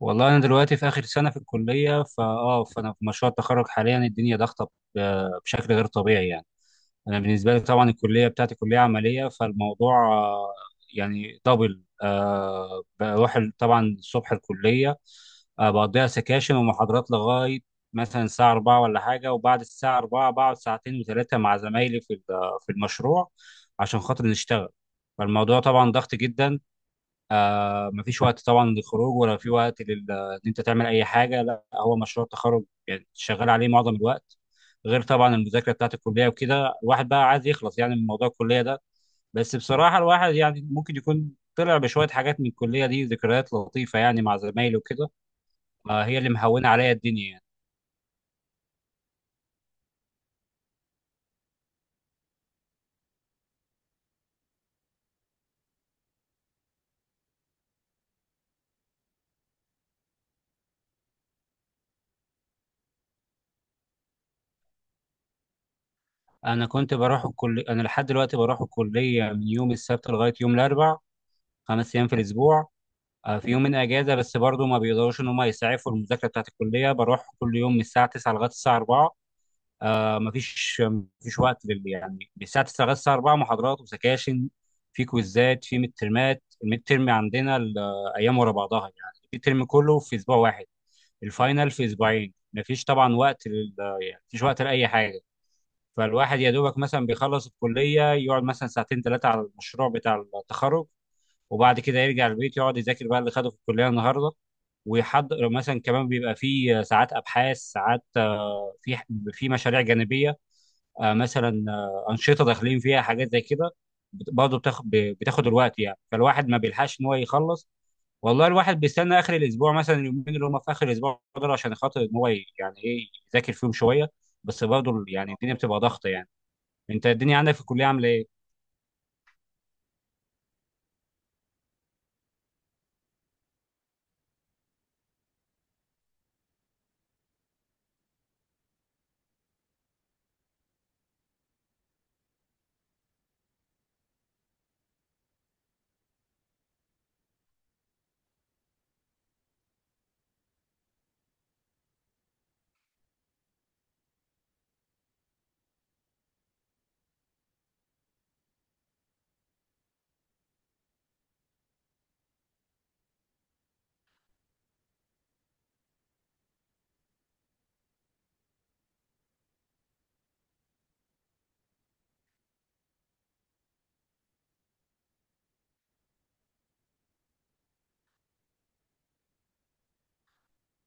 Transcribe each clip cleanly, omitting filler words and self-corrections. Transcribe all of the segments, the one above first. والله انا دلوقتي في اخر سنه في الكليه فانا في مشروع التخرج حاليا. الدنيا ضغطه بشكل غير طبيعي يعني. انا بالنسبه لي طبعا الكليه بتاعتي كليه عمليه، فالموضوع يعني دبل بروح طبعا الصبح الكليه بقضيها سكاشن ومحاضرات لغايه مثلا الساعه 4 ولا حاجه، وبعد الساعه 4 بقعد ساعتين وثلاثه مع زمايلي في المشروع عشان خاطر نشتغل. فالموضوع طبعا ضغط جدا، مفيش وقت طبعا للخروج، ولا في وقت ان انت تعمل اي حاجه. لا، هو مشروع التخرج يعني شغال عليه معظم الوقت، غير طبعا المذاكره بتاعت الكليه وكده. الواحد بقى عايز يخلص يعني من موضوع الكليه ده. بس بصراحه الواحد يعني ممكن يكون طلع بشويه حاجات من الكليه دي، ذكريات لطيفه يعني مع زمايلي وكده. هي اللي مهونه عليا الدنيا يعني. انا كنت بروح الكليه، انا لحد دلوقتي بروح الكليه من يوم السبت لغايه يوم الاربع، 5 ايام في الاسبوع. في يومين اجازه بس برضه ما بيقدروش ان هم يسعفوا المذاكره بتاعت الكليه. بروح كل يوم من الساعه 9 لغايه الساعه 4، مفيش وقت لل يعني، من الساعه 9 لغايه الساعه 4 محاضرات وسكاشن. في كويزات، في ميد ترمات، الميد ترم عندنا الايام ورا بعضها يعني الميد ترم كله في اسبوع واحد، الفاينل في اسبوعين. مفيش طبعا وقت لل يعني، مفيش وقت لاي حاجه. فالواحد يا دوبك مثلا بيخلص الكليه يقعد مثلا ساعتين ثلاثه على المشروع بتاع التخرج، وبعد كده يرجع البيت يقعد يذاكر بقى اللي خده في الكليه النهارده، ويحضر مثلا كمان. بيبقى في ساعات ابحاث، ساعات في في مشاريع جانبيه. مثلا انشطه داخلين فيها حاجات زي كده. برضه بتاخد الوقت يعني، فالواحد ما بيلحقش ان هو يخلص. والله الواحد بيستنى اخر الاسبوع، مثلا اليومين اللي هم في اخر الاسبوع دول، عشان خاطر ان هو يعني ايه، يذاكر فيهم شويه. بس برضه يعني الدنيا بتبقى ضغط يعني. انت الدنيا عندك في الكليه عامله ايه؟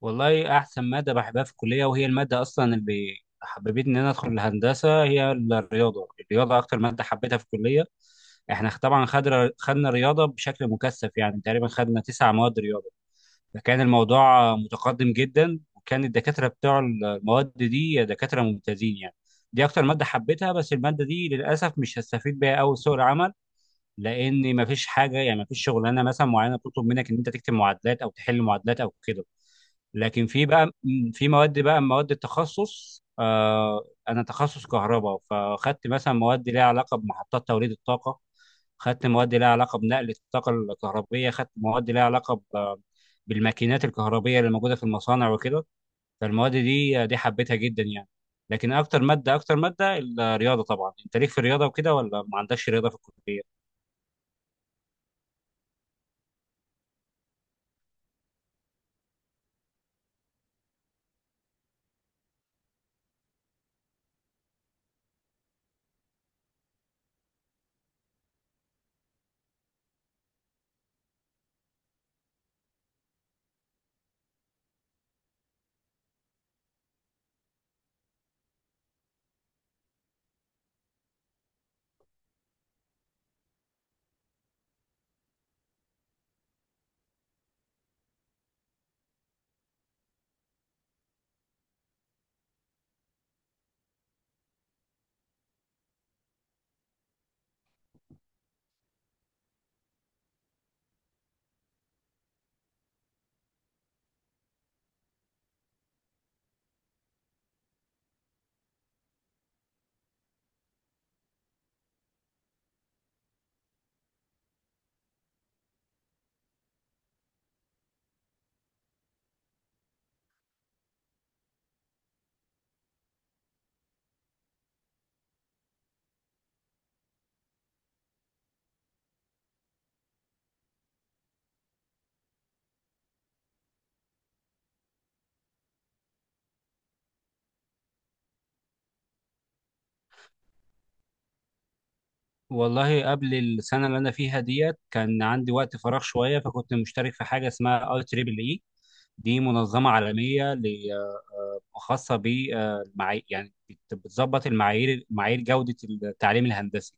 والله احسن ماده بحبها في الكليه، وهي الماده اصلا اللي حببتني ان انا ادخل الهندسه، هي الرياضه. الرياضه اكتر ماده حبيتها في الكليه. احنا طبعا خدنا رياضه بشكل مكثف، يعني تقريبا خدنا 9 مواد رياضه. فكان الموضوع متقدم جدا، وكان الدكاتره بتوع المواد دي دكاتره ممتازين يعني. دي اكتر ماده حبيتها، بس الماده دي للاسف مش هستفيد بيها قوي في سوق العمل، لان مفيش حاجه يعني، مفيش شغلانه مثلا معينه بتطلب منك ان انت تكتب معادلات او تحل معادلات او كده. لكن في بقى في مواد بقى، مواد التخصص. انا تخصص كهرباء، فخدت مثلا مواد ليها علاقه بمحطات توليد الطاقه، خدت مواد ليها علاقه بنقل الطاقه الكهربيه، خدت مواد ليها علاقه بالماكينات الكهربيه اللي موجوده في المصانع وكده. فالمواد دي حبيتها جدا يعني. لكن اكتر ماده، اكتر ماده الرياضه طبعا. انت ليك في الرياضه وكده ولا ما عندكش رياضه في الكليه؟ والله قبل السنه اللي انا فيها ديت كان عندي وقت فراغ شويه، فكنت مشترك في حاجه اسمها اي تريبل اي. دي منظمة عالمية خاصة بالمعايير، يعني بتظبط المعايير، معايير جودة التعليم الهندسي.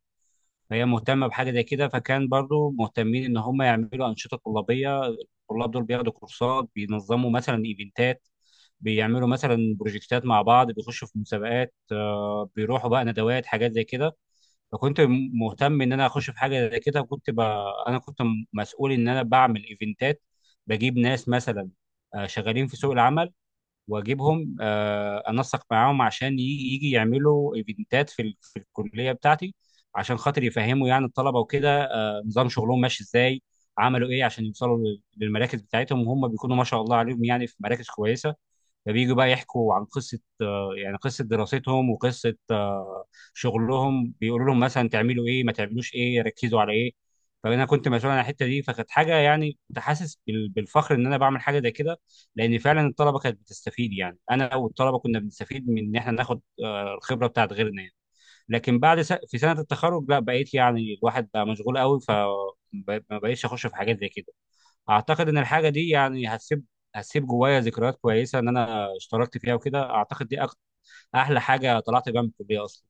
فهي مهتمة بحاجة زي كده، فكان برضو مهتمين إن هم يعملوا أنشطة طلابية. الطلاب دول بياخدوا كورسات، بينظموا مثلا إيفنتات، بيعملوا مثلا بروجكتات مع بعض، بيخشوا في مسابقات، بيروحوا بقى ندوات، حاجات زي كده. فكنت مهتم ان انا اخش في حاجه زي كده، انا كنت مسؤول ان انا بعمل ايفنتات، بجيب ناس مثلا شغالين في سوق العمل، واجيبهم انسق معاهم عشان يجي يعملوا ايفنتات في الكليه بتاعتي، عشان خاطر يفهموا يعني الطلبه وكده نظام شغلهم ماشي ازاي، عملوا ايه عشان يوصلوا للمراكز بتاعتهم. وهم بيكونوا ما شاء الله عليهم يعني في مراكز كويسه. فبييجوا بقى يحكوا عن قصة يعني قصة دراستهم، وقصة شغلهم، بيقولوا لهم مثلا تعملوا ايه، ما تعملوش ايه، ركزوا على ايه. فانا كنت مسؤول عن الحتة دي، فكانت حاجة يعني، كنت حاسس بالفخر ان انا بعمل حاجة زي كده، لان فعلا الطلبة كانت بتستفيد. يعني انا والطلبة كنا بنستفيد من ان احنا ناخد الخبرة بتاعت غيرنا يعني. لكن بعد في سنة التخرج لا، بقيت يعني الواحد بقى مشغول قوي، ف ما بقيتش اخش في حاجات زي كده. اعتقد ان الحاجه دي يعني هتسيب جوايا ذكريات كويسه ان انا اشتركت فيها وكده. اعتقد دي احلى حاجه طلعت بيها من الكليه اصلا.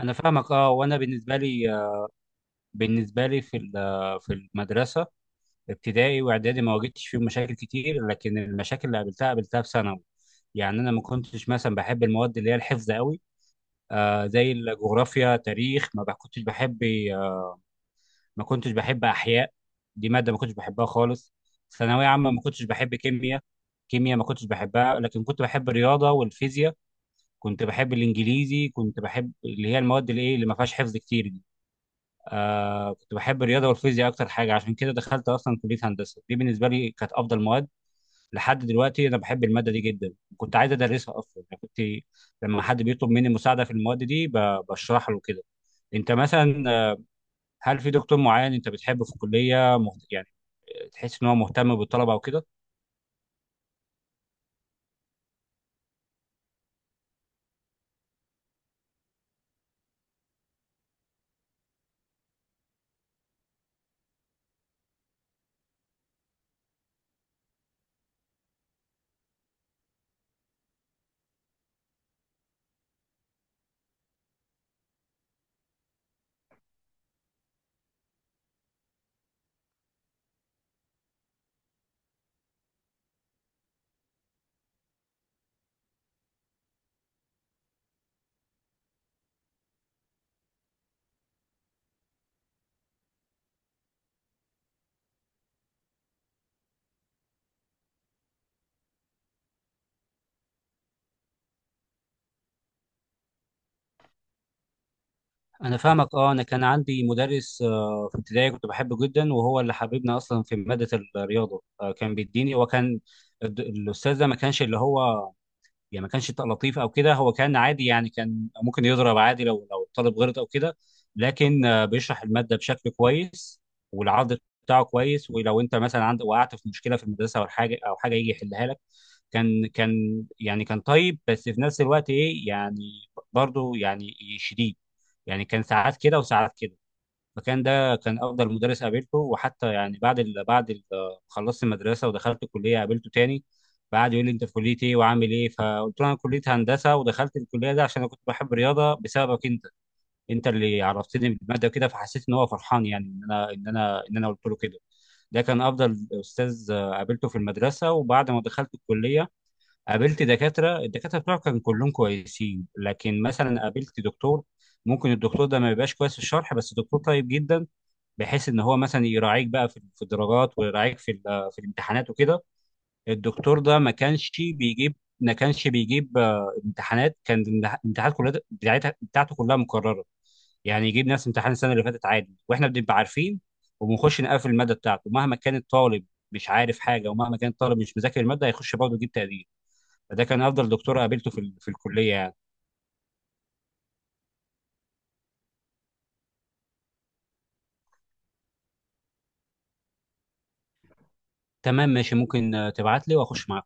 انا فاهمك اه، وانا بالنسبه لي، في في المدرسه، ابتدائي واعدادي ما واجهتش فيهم مشاكل كتير، لكن المشاكل اللي قابلتها قابلتها في ثانوي. يعني انا ما كنتش مثلا بحب المواد اللي هي الحفظ قوي. زي الجغرافيا، تاريخ، ما كنتش بحب، ما كنتش بحب احياء، دي ماده ما كنتش بحبها خالص. ثانويه عامه ما كنتش بحب كيمياء، كيمياء ما كنتش بحبها، لكن كنت بحب الرياضه والفيزياء، كنت بحب الانجليزي، كنت بحب اللي هي المواد اللي ايه اللي ما فيهاش حفظ كتير دي. كنت بحب الرياضه والفيزياء اكتر حاجه، عشان كده دخلت اصلا كليه هندسه، دي بالنسبه لي كانت افضل مواد. لحد دلوقتي انا بحب الماده دي جدا، كنت عايز ادرسها اصلا يعني، كنت لما حد بيطلب مني مساعده في المواد دي بشرح له كده. انت مثلا، هل في دكتور معين انت بتحبه في الكليه يعني تحس ان هو مهتم بالطلبه وكده؟ انا فاهمك اه. انا كان عندي مدرس في ابتدائي كنت بحبه جدا، وهو اللي حببنا اصلا في ماده الرياضه. كان بيديني، وكان الاستاذ ده ما كانش اللي هو يعني، ما كانش لطيف او كده، هو كان عادي يعني، كان ممكن يضرب عادي لو الطالب غلط او كده. لكن بيشرح الماده بشكل كويس، والعرض بتاعه كويس. ولو انت مثلا عندك، وقعت في مشكله في المدرسه او حاجه او حاجه يجي يحلها لك. كان يعني كان طيب بس في نفس الوقت ايه يعني، برضه يعني شديد، يعني كان ساعات كده وساعات كده. المكان ده كان افضل مدرس قابلته. وحتى يعني بعد خلصت المدرسه ودخلت الكليه قابلته تاني، فقعد يقول لي انت في كليه ايه وعامل ايه، فقلت له انا كليه هندسه ودخلت الكليه دي عشان انا كنت بحب الرياضه بسببك انت، انت اللي عرفتني بالماده كده. فحسيت ان هو فرحان يعني ان انا قلت له كده. ده كان افضل استاذ قابلته في المدرسه. وبعد ما دخلت الكليه قابلت دكاتره، الدكاتره بتوعي كانوا كلهم كويسين. لكن مثلا قابلت دكتور، ممكن الدكتور ده ما يبقاش كويس في الشرح بس دكتور طيب جدا، بحيث ان هو مثلا يراعيك بقى في الدرجات، ويراعيك في الامتحانات وكده. الدكتور ده ما كانش بيجيب امتحانات. كان الامتحانات كلها بتاعتها بتاعته كلها مكرره، يعني يجيب نفس امتحان السنه اللي فاتت عادي، واحنا بنبقى عارفين وبنخش نقفل الماده بتاعته. مهما كان الطالب مش عارف حاجه، ومهما كان الطالب مش مذاكر الماده، هيخش برضه يجيب تقدير. فده كان افضل دكتور قابلته في الكليه يعني. تمام، ماشي، ممكن تبعت لي واخش معاك.